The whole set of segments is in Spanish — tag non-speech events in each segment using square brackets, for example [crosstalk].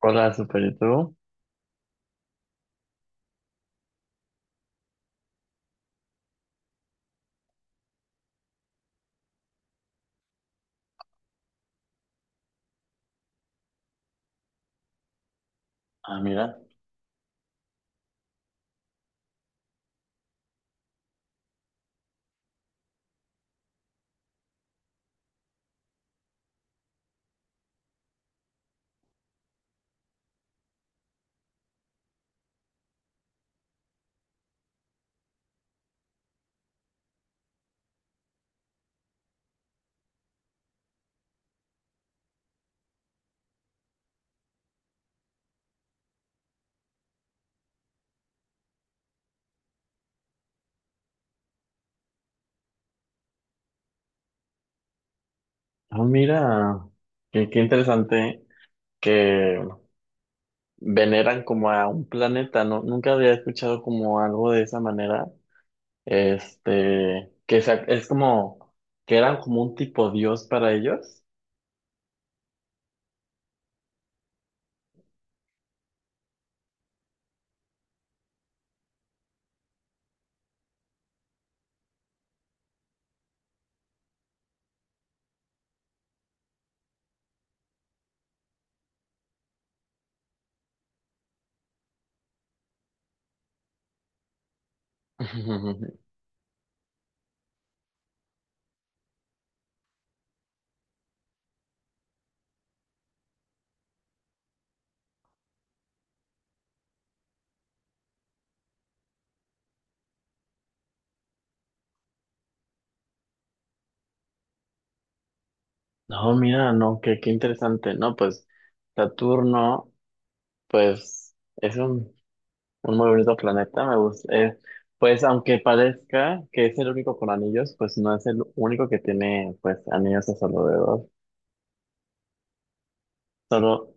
Hola, super YouTube. Ah, mira. Ah, mira. Qué interesante que veneran como a un planeta, ¿no? Nunca había escuchado como algo de esa manera. Este, es como que eran como un tipo dios para ellos. [laughs] No, mira, no, qué interesante. No, pues Saturno, pues es un muy bonito planeta, me gusta. Pues aunque parezca que es el único con anillos, pues no es el único que tiene pues anillos a su alrededor. Solo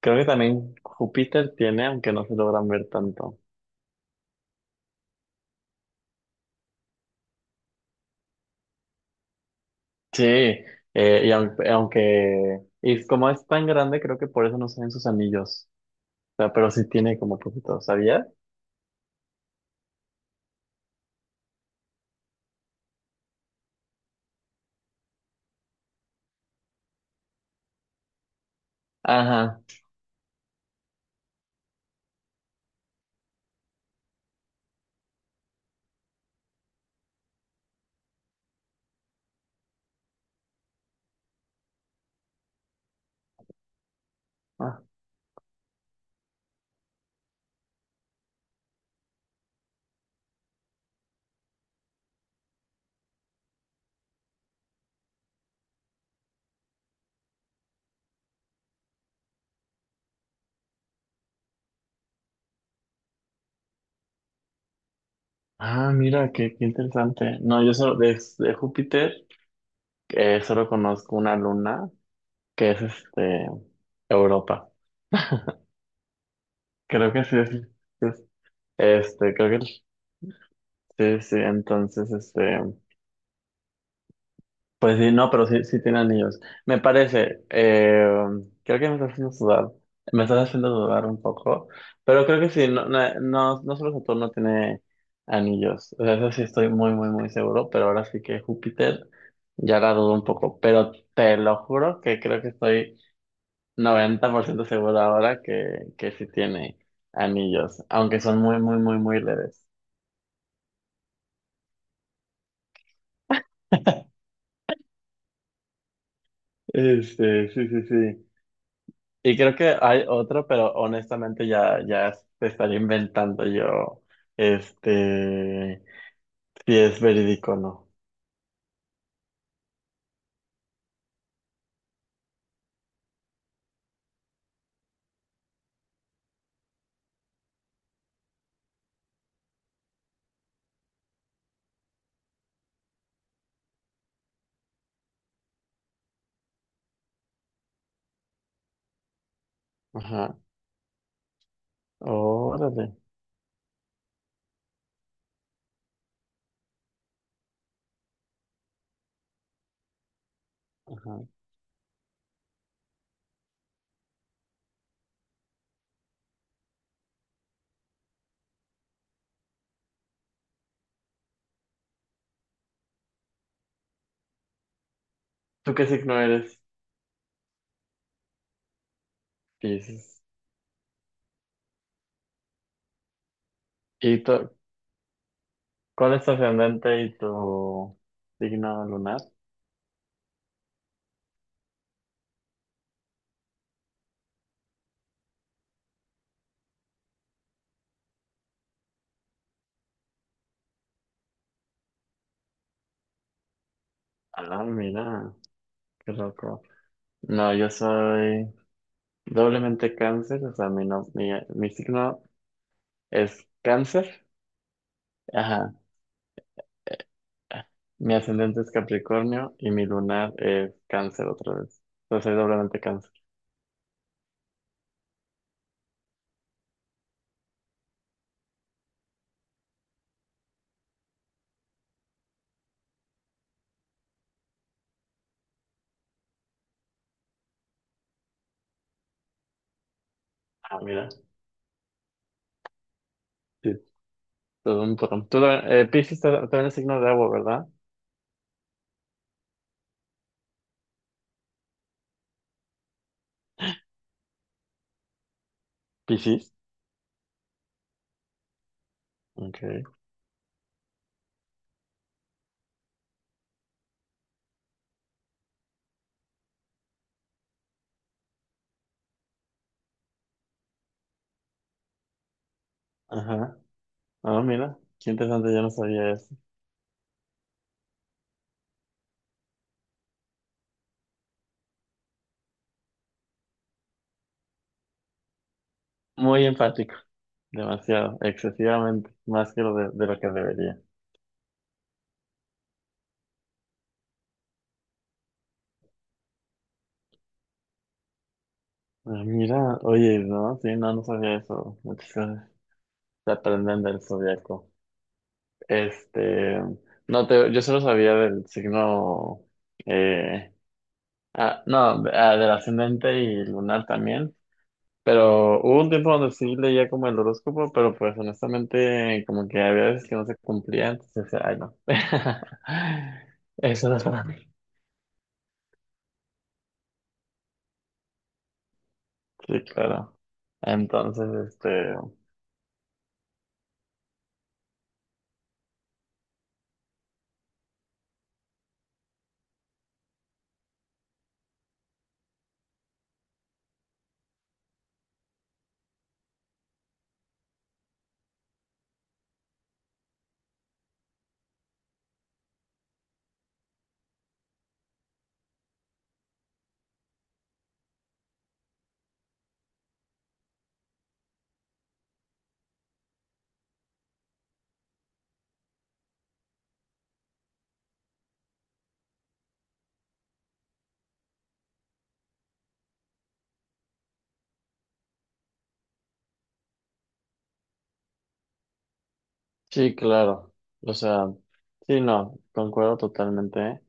creo que también Júpiter tiene, aunque no se logran ver tanto. Sí, y aunque y como es tan grande, creo que por eso no se ven sus anillos. O sea, pero sí tiene como poquito, ¿sabías? Ajá. Ah, ah, mira, qué interesante. No, yo solo de Júpiter solo conozco una luna que es este Europa. Creo que sí es, es- este, creo que sí, sí, entonces este, pues sí, no, pero sí, sí tiene anillos. Me parece, creo que me estás haciendo sudar, me estás haciendo dudar un poco, pero creo que sí, no solo Saturno tiene anillos, o sea, eso sí estoy muy, muy, muy seguro, pero ahora sí que Júpiter ya la dudo un poco, pero te lo juro que creo que estoy 90% seguro ahora que sí tiene anillos, aunque son muy, muy, muy, muy leves. [laughs] Este, sí, sí, sí. Y creo que hay otro, pero honestamente ya te estaría inventando yo, este, si es verídico o no. Ajá. Órale. Ajá. ¿Tú qué signo eres? Piscis. ¿Y tú, cuál es tu ascendente y tu signo lunar? Ah, mira, qué loco. No, yo soy doblemente cáncer, o sea, mi, no- mi signo es cáncer, ajá, mi ascendente es Capricornio y mi lunar es cáncer otra vez. Entonces soy doblemente cáncer. Ah, mira, sí, todo un poco. Tú, también es signo de agua, ¿verdad? Piscis. Ok. Ajá. Ah, mira, qué interesante, yo no sabía eso. Muy enfático, demasiado, excesivamente, más que lo de lo que debería. Ah, mira, oye, no, sí, no, no sabía eso. Muchas cosas se aprenden del zodiaco. Este, no te, yo solo sabía del signo, eh, ah, no, ah, del ascendente y lunar también, pero hubo un tiempo donde sí leía como el horóscopo, pero pues honestamente como que había veces que no se cumplía, entonces decía, ay no. [laughs] Eso no es para mí. Sí, claro. Entonces, este, sí, claro. O sea, sí, no, concuerdo totalmente.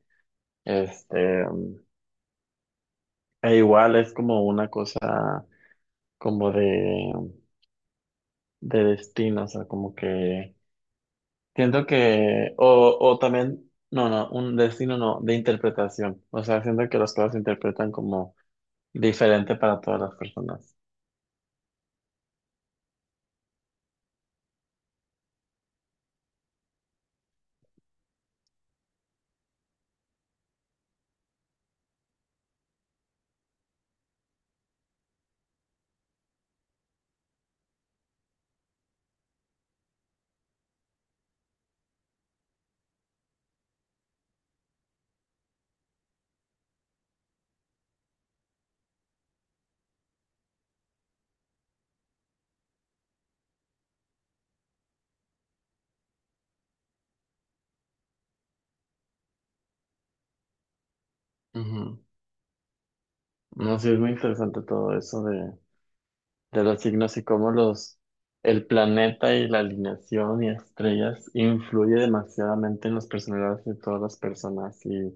Este, e igual es como una cosa, como de destino, o sea, como que siento que, o también, no, no, un destino no, de interpretación, o sea, siento que las cosas se interpretan como diferente para todas las personas. Ujú. No, sí, es muy interesante todo eso de los signos y cómo los, el planeta y la alineación y estrellas influye demasiadamente en las personalidades de todas las personas y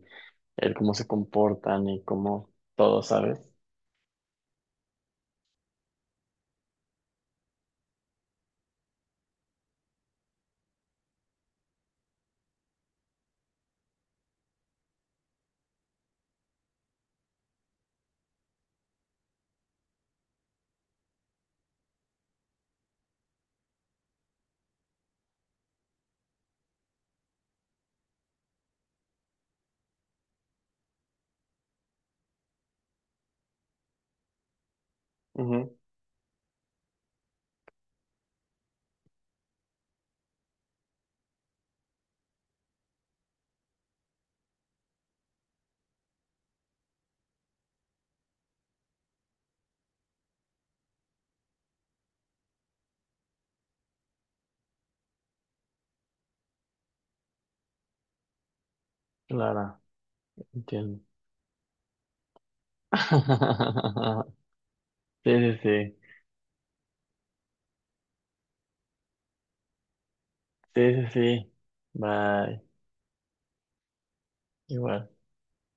el cómo se comportan y cómo todo, ¿sabes? Ujú. Clara, entiendo. [laughs] Sí, sí, sí. Sí, sí, sí. Bye. Igual.